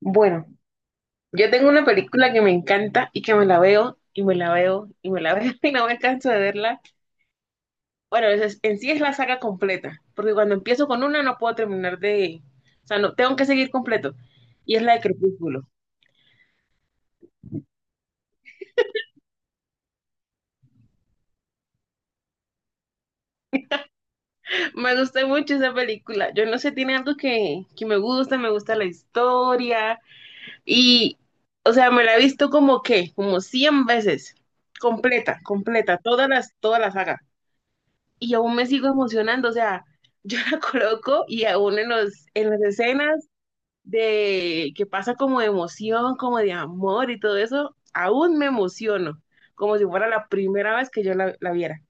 Bueno, yo tengo una película que me encanta y que me la veo y me la veo y me la veo y no me canso de verla. Bueno, en sí es la saga completa, porque cuando empiezo con una no puedo terminar. O sea, no, tengo que seguir completo. Y es la de Crepúsculo. Me gusta mucho esa película. Yo no sé, tiene algo que me gusta la historia. Y, o sea, me la he visto como 100 veces. Completa, completa, toda la saga. Y aún me sigo emocionando, o sea, yo la coloco y aún en las escenas de que pasa como de emoción, como de amor y todo eso, aún me emociono, como si fuera la primera vez que yo la viera.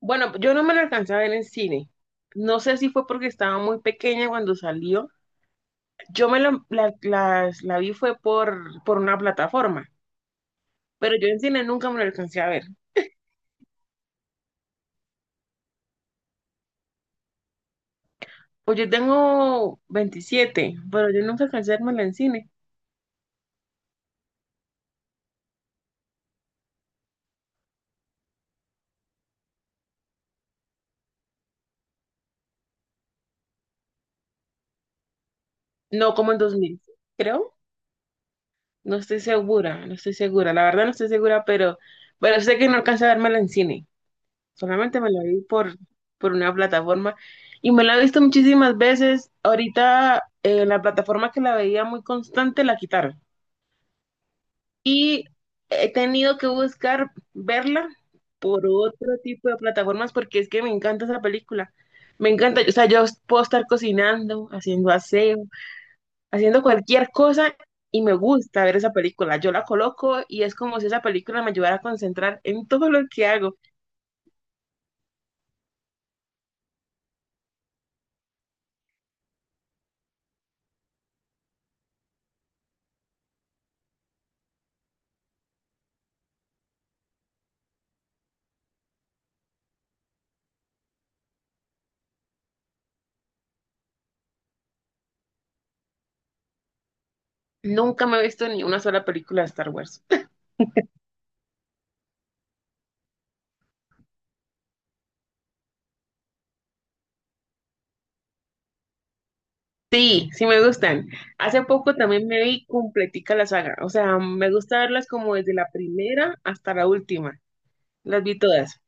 Bueno, yo no me la alcancé a ver en cine. No sé si fue porque estaba muy pequeña cuando salió. Yo me la, la, las- la vi fue por una plataforma, pero yo en cine nunca me la alcancé a ver. Pues yo tengo 27 pero yo nunca alcancé a verme en cine. No, como en 2000, creo. No estoy segura, no estoy segura. La verdad no estoy segura, pero sé que no alcancé a vérmela en cine. Solamente me la vi por una plataforma y me la he visto muchísimas veces. Ahorita la plataforma que la veía muy constante la quitaron. Y he tenido que buscar verla por otro tipo de plataformas porque es que me encanta esa película. Me encanta, o sea, yo puedo estar cocinando, haciendo aseo, haciendo cualquier cosa y me gusta ver esa película. Yo la coloco y es como si esa película me ayudara a concentrar en todo lo que hago. Nunca me he visto ni una sola película de Star Wars. Sí, sí me gustan. Hace poco también me vi completica la saga. O sea, me gusta verlas como desde la primera hasta la última. Las vi todas.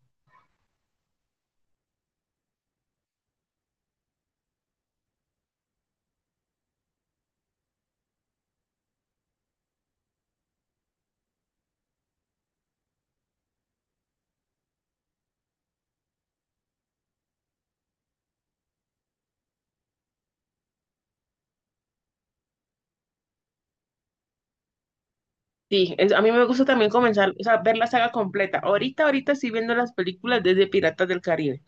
Sí, es- a mí me gusta también comenzar, o sea, ver la saga completa. Ahorita estoy viendo las películas desde Piratas del Caribe.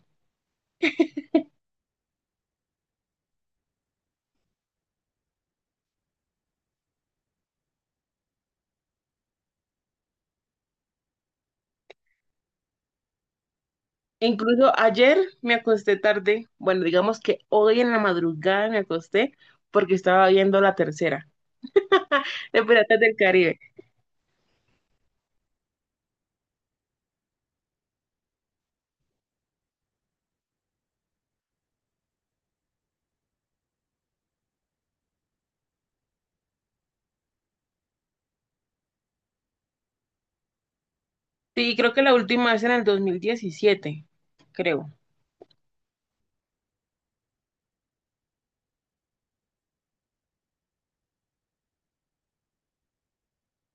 Incluso ayer me acosté tarde, bueno, digamos que hoy en la madrugada me acosté porque estaba viendo la tercera, de Piratas del Caribe. Sí, creo que la última es en el 2017, creo.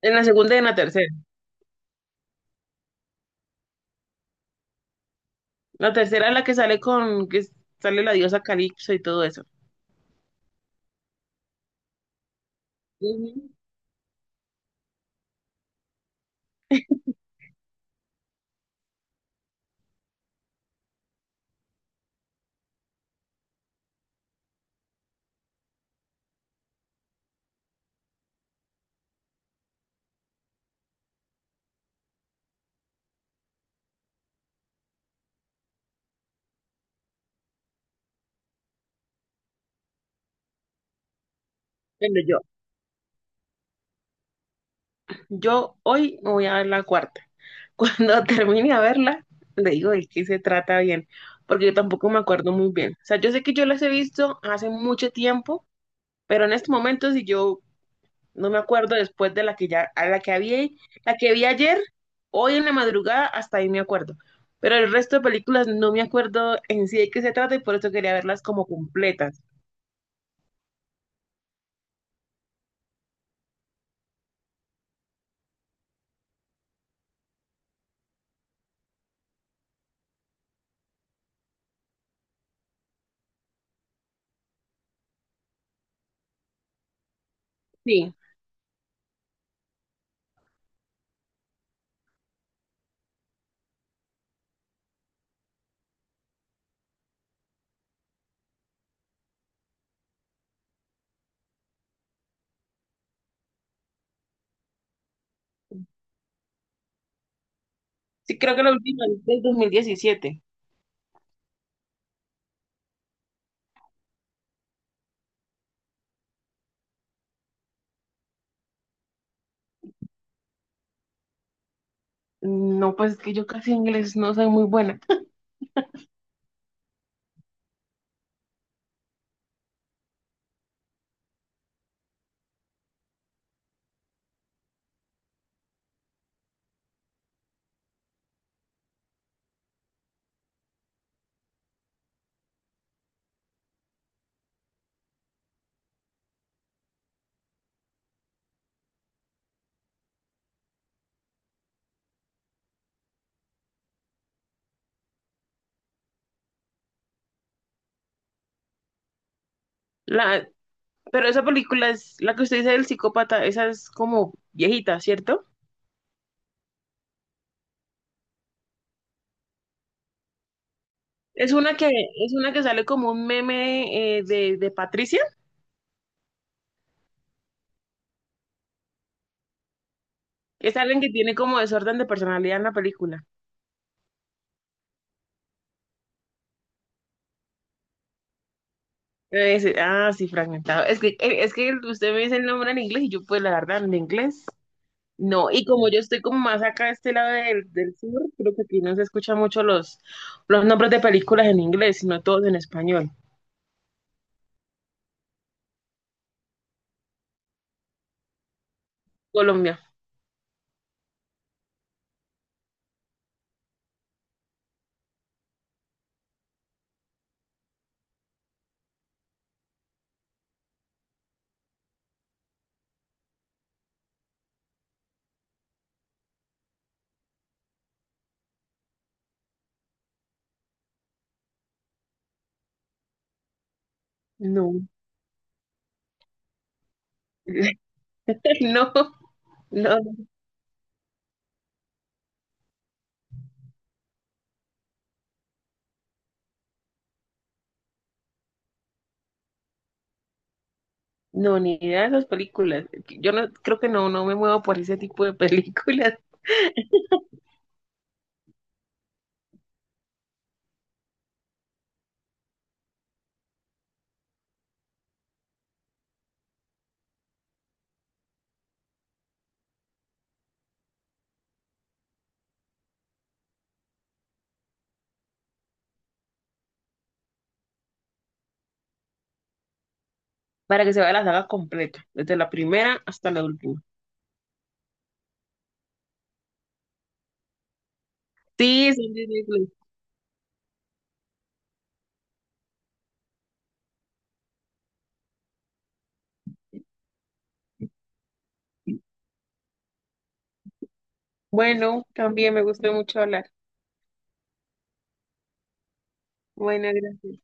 En la segunda y en la tercera. La tercera es la que sale que sale la diosa Calipso y todo eso. Ujú. Bueno, yo hoy me voy a ver la cuarta. Cuando termine a verla, le digo de qué se trata bien, porque yo tampoco me acuerdo muy bien. O sea, yo sé que yo las he visto hace mucho tiempo. Pero en este momento, si yo no me acuerdo después de a la que había, la que vi ayer, hoy en la madrugada, hasta ahí me acuerdo. Pero el resto de películas no me acuerdo en sí de qué se trata y por eso quería verlas como completas. Sí, sí creo que la última es del dos mil diecisiete. No, pues es que yo casi en inglés no soy muy buena. La, pero esa película es la que usted dice del psicópata, esa es como viejita, ¿cierto? Es una es una que sale como un meme de Patricia. Es alguien que tiene como desorden de personalidad en la película. Sí, sí, fragmentado. Es que usted me dice el nombre en inglés y yo, pues, la verdad, en inglés. No, y como yo estoy como más acá de este lado del sur, creo que aquí no se escuchan mucho los nombres de películas en inglés, sino todos en español. Colombia, no, no, no, no, ni idea de esas películas. Yo no, creo que no me muevo por ese tipo de películas para que se vea la saga completa, desde la primera hasta la última. Sí, son Disney Plus. Bueno, también me gustó mucho hablar. Buenas, gracias.